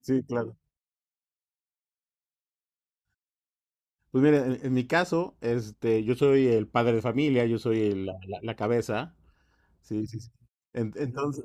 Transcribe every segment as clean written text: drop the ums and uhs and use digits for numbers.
Sí, claro. Pues mira, en mi caso, yo soy el padre de familia, yo soy la cabeza. Sí, sí, sí. Entonces,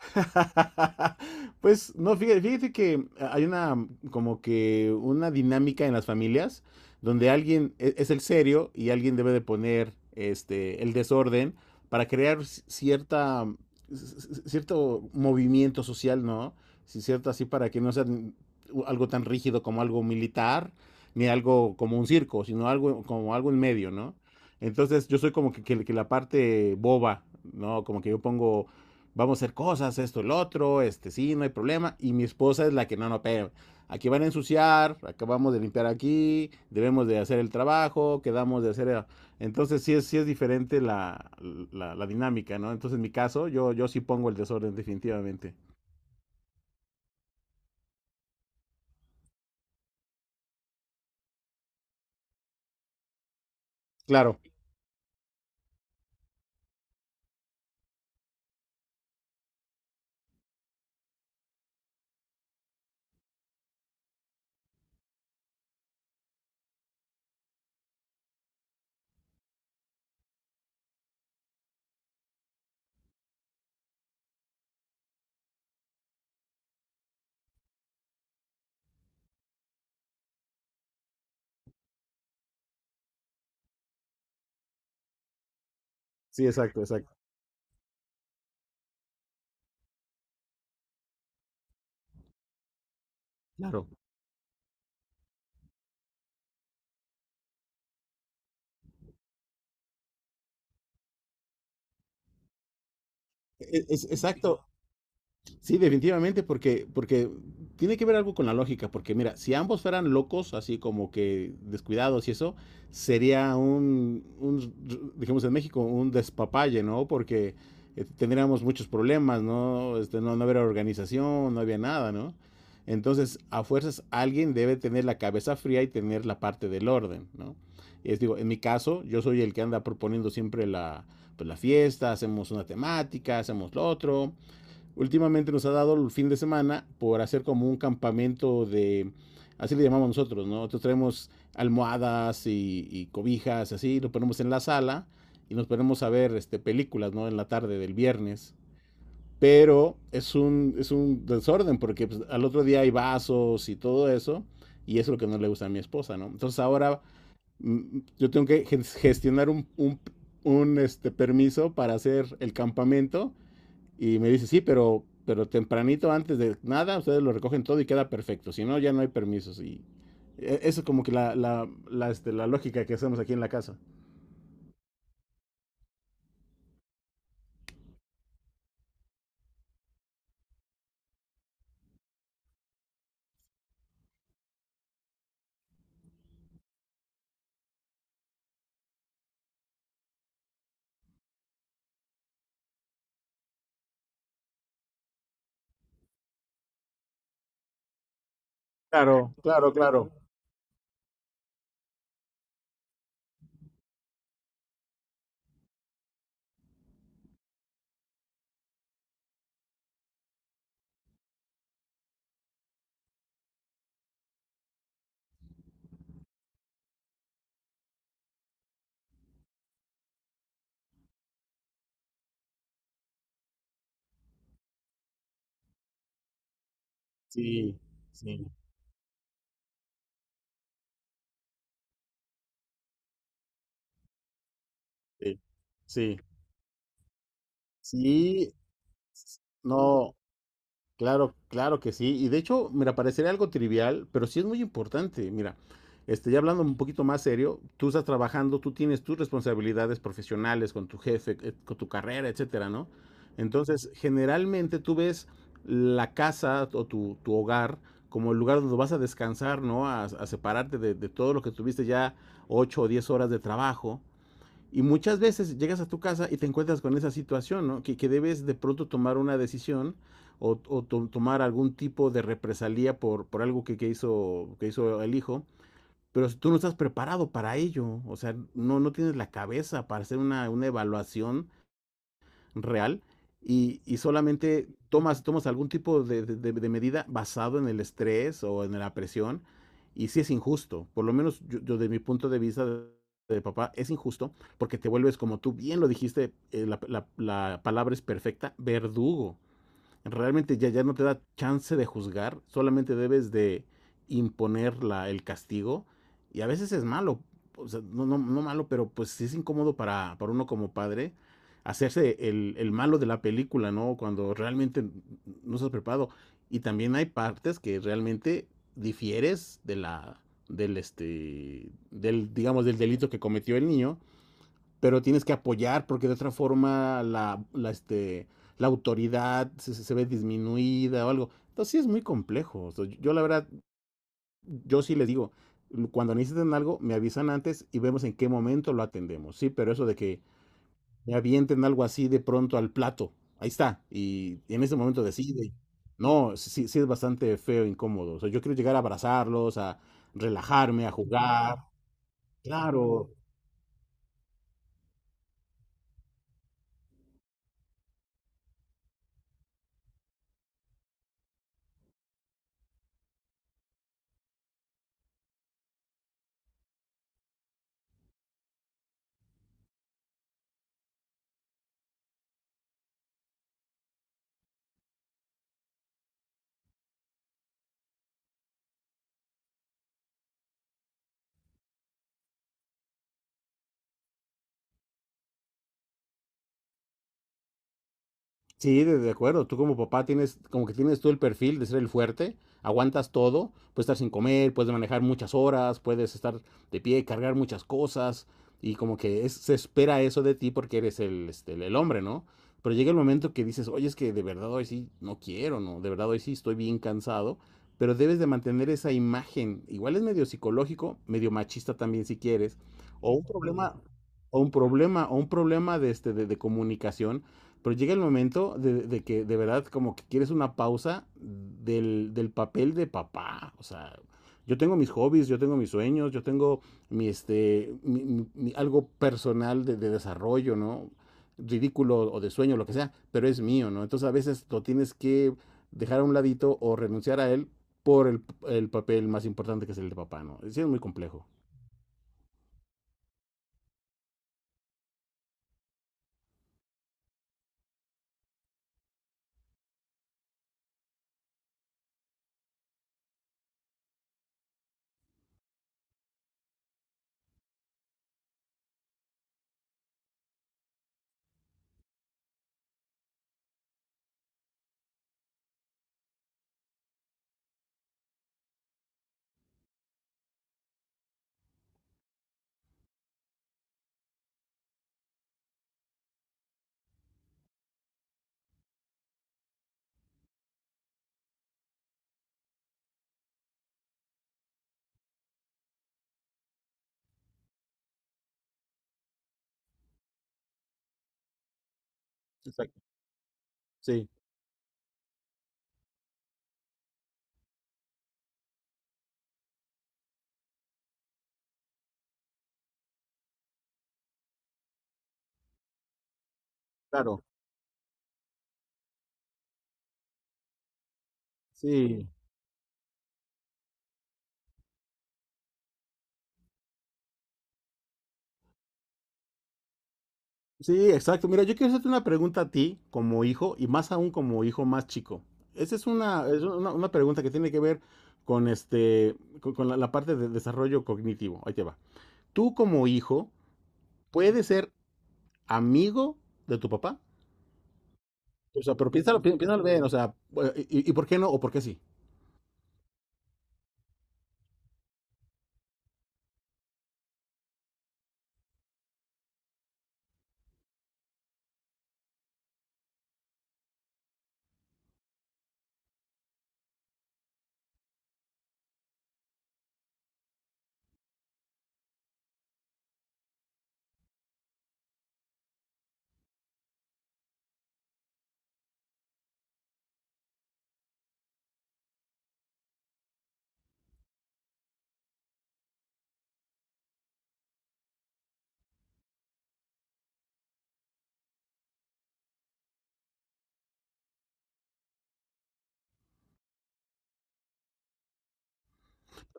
Pues no, fíjate que hay una como que una dinámica en las familias donde alguien es el serio y alguien debe de poner el desorden para crear c- cierto movimiento social, ¿no? Sí, cierto, así para que no sea algo tan rígido como algo militar ni algo como un circo, sino algo como algo en medio, ¿no? Entonces yo soy como que la parte boba, ¿no? Como que yo pongo vamos a hacer cosas, esto, el otro, sí, no hay problema. Y mi esposa es la que, no, no, pero aquí van a ensuciar, acabamos de limpiar aquí, debemos de hacer el trabajo, quedamos de hacer Entonces sí es diferente la dinámica, ¿no? Entonces en mi caso, yo sí pongo el desorden definitivamente. Claro, sí, exacto, exacto. Claro. Exacto, sí, definitivamente, porque tiene que ver algo con la lógica, porque mira, si ambos fueran locos, así como que descuidados y eso, sería un digamos en México, un despapalle, ¿no? Porque tendríamos muchos problemas, ¿no? ¿No? No habría organización, no había nada, ¿no? Entonces, a fuerzas, alguien debe tener la cabeza fría y tener la parte del orden, ¿no? Es, digo, en mi caso, yo soy el que anda proponiendo siempre la fiesta, hacemos una temática, hacemos lo otro, últimamente nos ha dado el fin de semana por hacer como un campamento de, así le llamamos nosotros, ¿no? Nosotros traemos almohadas y cobijas, así, lo ponemos en la sala y nos ponemos a ver películas, ¿no? En la tarde del viernes. Pero es un desorden porque pues, al otro día hay vasos y todo eso. Y eso es lo que no le gusta a mi esposa, ¿no? Entonces ahora yo tengo que gestionar un permiso para hacer el campamento y me dice, sí, pero tempranito antes de nada, ustedes lo recogen todo y queda perfecto. Si no, ya no hay permisos. Y eso es como que la lógica que hacemos aquí en la casa. Claro, claro, claro. Sí, sí, sí. Sí, sí, no. Claro, claro que sí. Y de hecho, mira, parecería algo trivial, pero sí es muy importante. Mira, ya hablando un poquito más serio, tú estás trabajando, tú tienes tus responsabilidades profesionales con tu jefe, con tu carrera, etcétera, ¿no? Entonces, generalmente tú ves la casa o tu hogar como el lugar donde vas a descansar, ¿no? A separarte de todo lo que tuviste ya 8 o 10 horas de trabajo. Y muchas veces llegas a tu casa y te encuentras con esa situación, ¿no? Que debes de pronto tomar una decisión tomar algún tipo de represalia por algo que hizo el hijo. Pero si tú no estás preparado para ello, o sea, no tienes la cabeza para hacer una evaluación real y solamente tomas algún tipo de medida basado en el estrés o en la presión, y sí es injusto, por lo menos yo de mi punto de vista de papá es injusto porque te vuelves como tú bien lo dijiste, la palabra es perfecta, verdugo. Realmente ya no te da chance de juzgar, solamente debes de imponer el castigo, y a veces es malo, o sea, no, no, no, malo, pero pues sí es incómodo para uno como padre hacerse el malo de la película, ¿no? Cuando realmente no estás preparado. Y también hay partes que realmente difieres de la del este del digamos del delito que cometió el niño, pero tienes que apoyar porque de otra forma la autoridad se ve disminuida o algo. Entonces sí es muy complejo. O sea, yo la verdad, yo sí les digo, cuando necesiten algo, me avisan antes y vemos en qué momento lo atendemos. Sí, pero eso de que me avienten algo así de pronto al plato, ahí está, y en ese momento decide. No, sí, sí es bastante feo, incómodo. O sea, yo quiero llegar a abrazarlos, a relajarme, a jugar. Claro, sí, de acuerdo. Tú como papá tienes, como que tienes todo el perfil de ser el fuerte, aguantas todo, puedes estar sin comer, puedes manejar muchas horas, puedes estar de pie, cargar muchas cosas, y como que se espera eso de ti porque eres el, este, el hombre, ¿no? Pero llega el momento que dices, oye, es que de verdad hoy sí no quiero, ¿no? De verdad hoy sí estoy bien cansado, pero debes de mantener esa imagen. Igual es medio psicológico, medio machista también si quieres, o un problema, o un problema, o un problema de, este, de comunicación, pero llega el momento de que de verdad como que quieres una pausa del papel de papá. O sea, yo tengo mis hobbies, yo tengo mis sueños, yo tengo mi, este, mi, algo personal de desarrollo, ¿no? Ridículo o de sueño, lo que sea, pero es mío, ¿no? Entonces a veces lo tienes que dejar a un ladito o renunciar a él por el papel más importante que es el de papá, ¿no? Sí, es muy complejo. Exacto. Sí, claro. Sí, sí, exacto. Mira, yo quiero hacerte una pregunta a ti como hijo y más aún como hijo más chico. Esa una pregunta que tiene que ver con, este, con la parte de desarrollo cognitivo. Ahí te va. Tú como hijo, ¿puedes ser amigo de tu papá? O sea, pero piénsalo, piénsalo bien, o sea, y por qué no o por qué sí?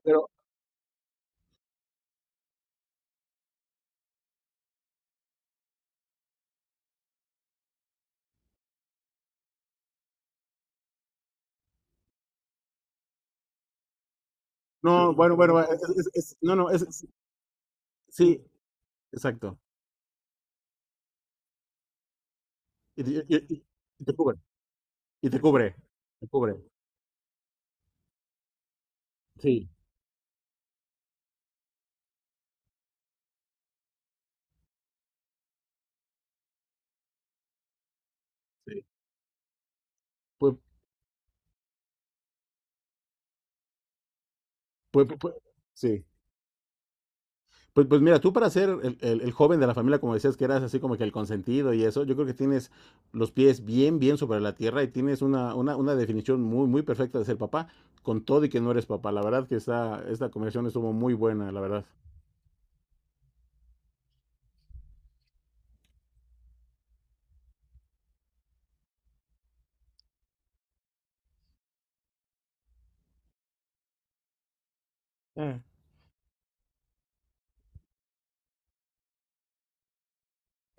Pero, no, bueno, bueno, es- no, no, es- sí, exacto. Y, te y- y- y te cubre, y te cubre, sí, sí. Pues, pues, sí. Pues mira, tú para ser el joven de la familia, como decías, que eras así como que el consentido y eso, yo creo que tienes los pies bien, bien sobre la tierra y tienes una definición muy, muy perfecta de ser papá, con todo y que no eres papá. La verdad que esta conversación estuvo muy buena, la verdad. Mm,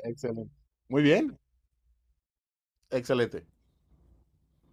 Excelente. Muy bien, excelente.